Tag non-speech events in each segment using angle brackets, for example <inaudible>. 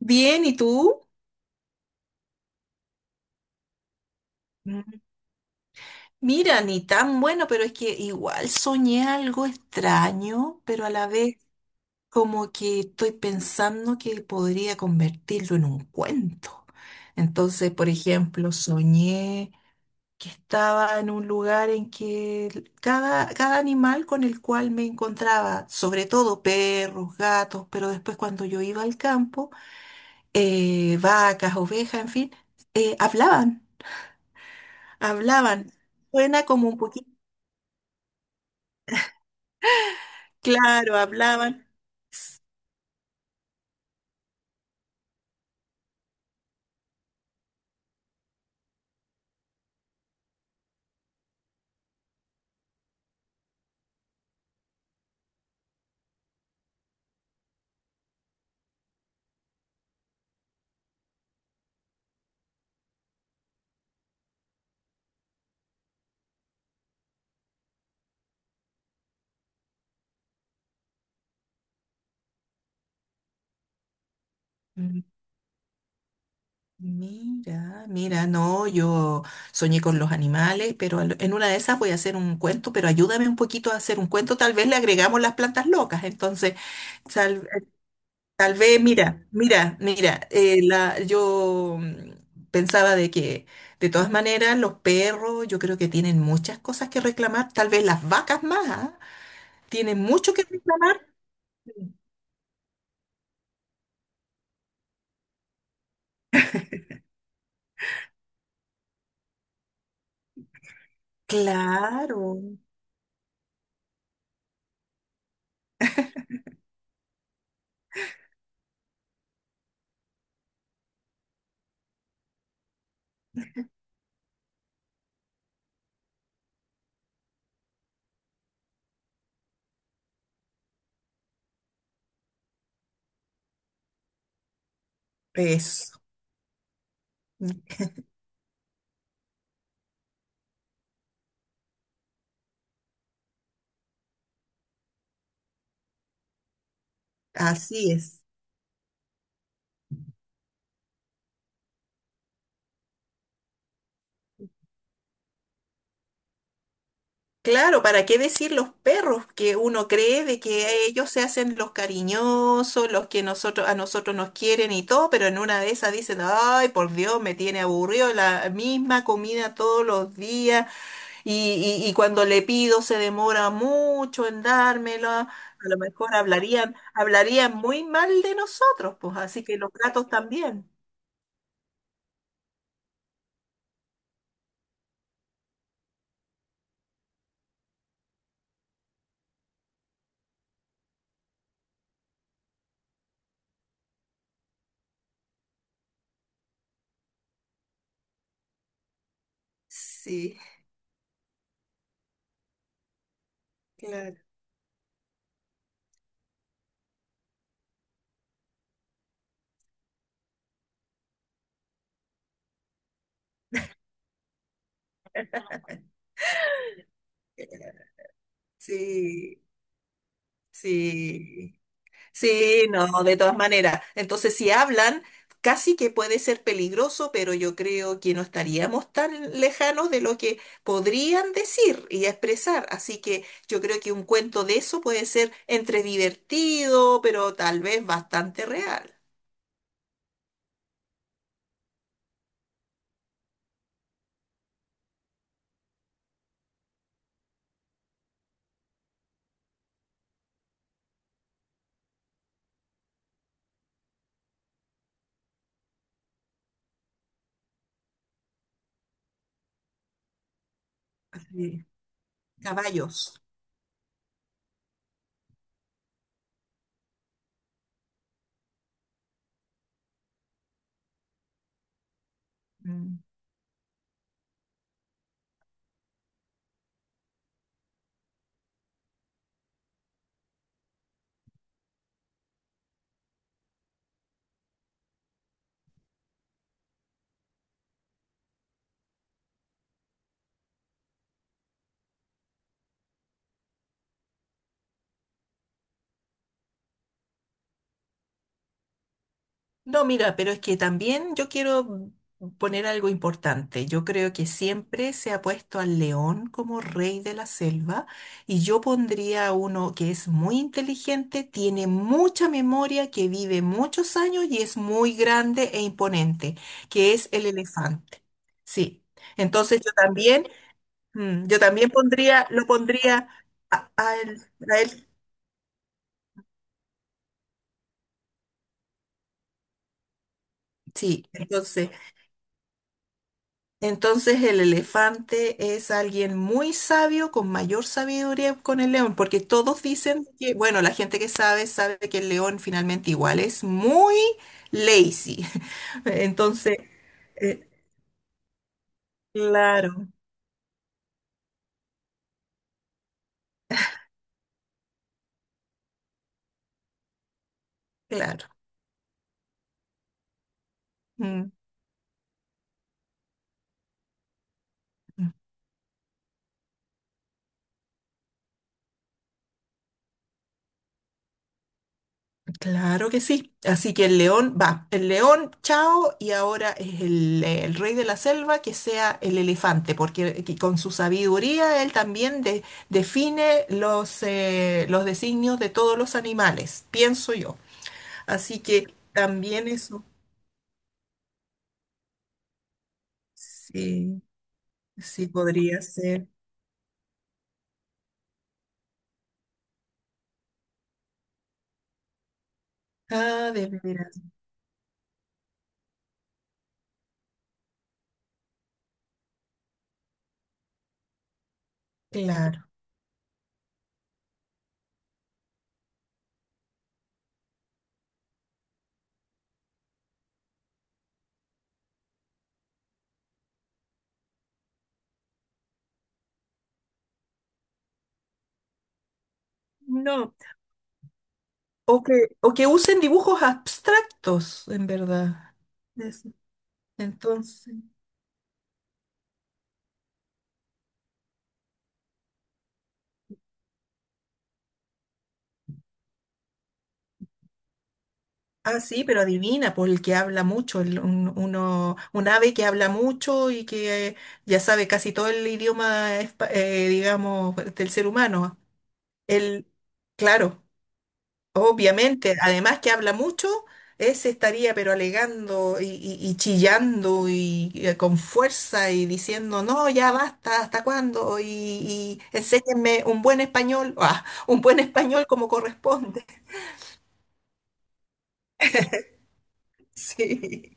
Bien, ¿y tú? Mm. Mira, ni tan bueno, pero es que igual soñé algo extraño, pero a la vez como que estoy pensando que podría convertirlo en un cuento. Entonces, por ejemplo, soñé que estaba en un lugar en que cada animal con el cual me encontraba, sobre todo perros, gatos, pero después cuando yo iba al campo, vacas, ovejas, en fin, hablaban. Hablaban. Suena como un poquito. Claro, hablaban. Mm, Mira, mira, no, yo soñé con los animales, pero en una de esas voy a hacer un cuento, pero ayúdame un poquito a hacer un cuento, tal vez le agregamos las plantas locas. Entonces, tal, eh, tal vez, mira, mira, mira, yo pensaba de que, de todas maneras, los perros, yo creo que tienen muchas cosas que reclamar, tal vez las vacas más, ¿ah? Tienen mucho que reclamar. Claro. Eso, así es. Claro, ¿para qué decir los perros que uno cree de que ellos se hacen los cariñosos, los que nosotros a nosotros nos quieren y todo, pero en una de esas dicen, ay, por Dios, me tiene aburrido la misma comida todos los días y cuando le pido se demora mucho en dármela? A lo mejor hablarían, hablarían muy mal de nosotros, pues así que los gatos también. Sí, claro. Sí, sí. Sí, no, de todas maneras. Entonces, si hablan, casi que puede ser peligroso, pero yo creo que no estaríamos tan lejanos de lo que podrían decir y expresar. Así que yo creo que un cuento de eso puede ser entre divertido, pero tal vez bastante real. Sí. Caballos. Mm. No, mira, pero es que también yo quiero poner algo importante. Yo creo que siempre se ha puesto al león como rey de la selva y yo pondría a uno que es muy inteligente, tiene mucha memoria, que vive muchos años y es muy grande e imponente, que es el elefante. Sí. Entonces yo también, yo también pondría, lo pondría a él, a él. Sí, entonces. Entonces el elefante es alguien muy sabio, con mayor sabiduría con el león, porque todos dicen que, bueno, la gente que sabe sabe que el león finalmente igual es muy lazy. <laughs> Entonces, eh, claro, claro. Mm. Claro que sí. Así que el león va. El león, chao, y ahora es el rey de la selva que sea el elefante, porque que con su sabiduría él también define los designios de todos los animales, pienso yo. Así que también eso sí, sí podría ser. Ah, de veras, claro. No. O que, o que usen dibujos abstractos, en verdad. Eso. Entonces. Ah, sí, pero adivina, por el que habla mucho, un ave que habla mucho y que ya sabe casi todo el idioma, digamos, del ser humano. Él, claro, obviamente, además que habla mucho, ese estaría pero alegando y chillando y, con fuerza y diciendo, no, ya basta, ¿hasta cuándo? Y enséñenme un buen español, <laughs> ah, un buen español como corresponde. <laughs> Sí,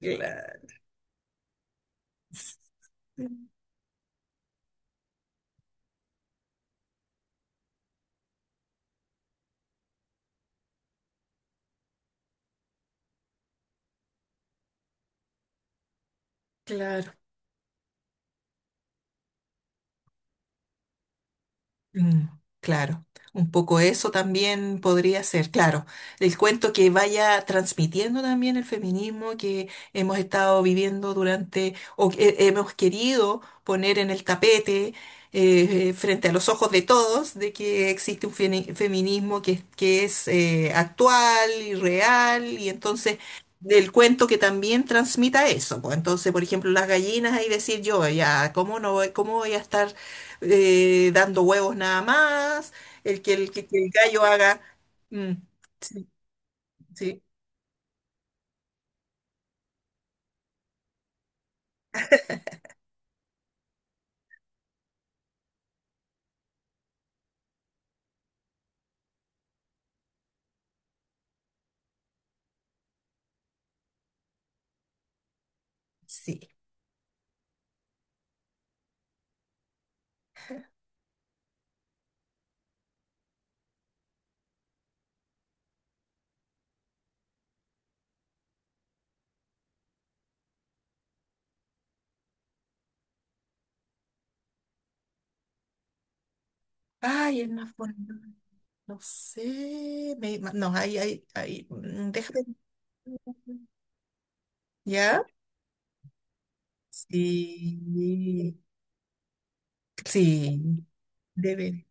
claro. Claro, mm, claro. Un poco eso también podría ser, claro. El cuento que vaya transmitiendo también el feminismo que hemos estado viviendo durante, o que hemos querido poner en el tapete, frente a los ojos de todos, de que existe un feminismo que es actual y real, y entonces del cuento que también transmita eso. Pues entonces, por ejemplo, las gallinas, ahí decir yo, ya, ¿cómo no voy, cómo voy a estar dando huevos nada más, el, que el gallo haga...? mm, sí, sí, sí. Ay, el más bonito. No sé. No, ahí, ahí, ahí. Déjame. ¿Ya? Sí. Sí. Debe.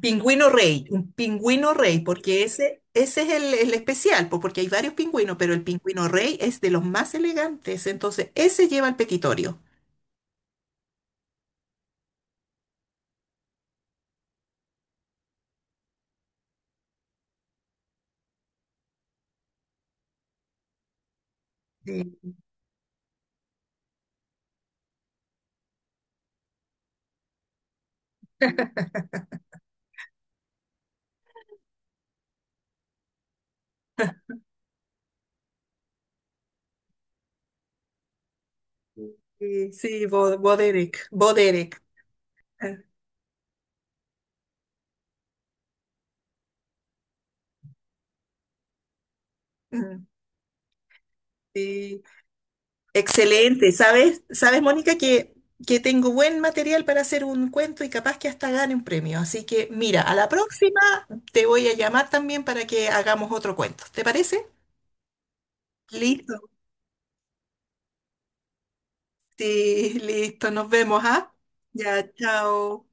Pingüino rey, un pingüino rey, porque ese es el especial, po, porque hay varios pingüinos, pero el pingüino rey es de los más elegantes, entonces ese lleva el petitorio. Sí, sí, sí, Bo, Bo Derek, Bo Derek. Ah, mm, sí. Excelente. ¿Sabes? ¿Sabes, Mónica, que tengo buen material para hacer un cuento y capaz que hasta gane un premio? Así que mira, a la próxima te voy a llamar también para que hagamos otro cuento. ¿Te parece? Listo. Sí, listo. Nos vemos, ¿ah? Ya, chao.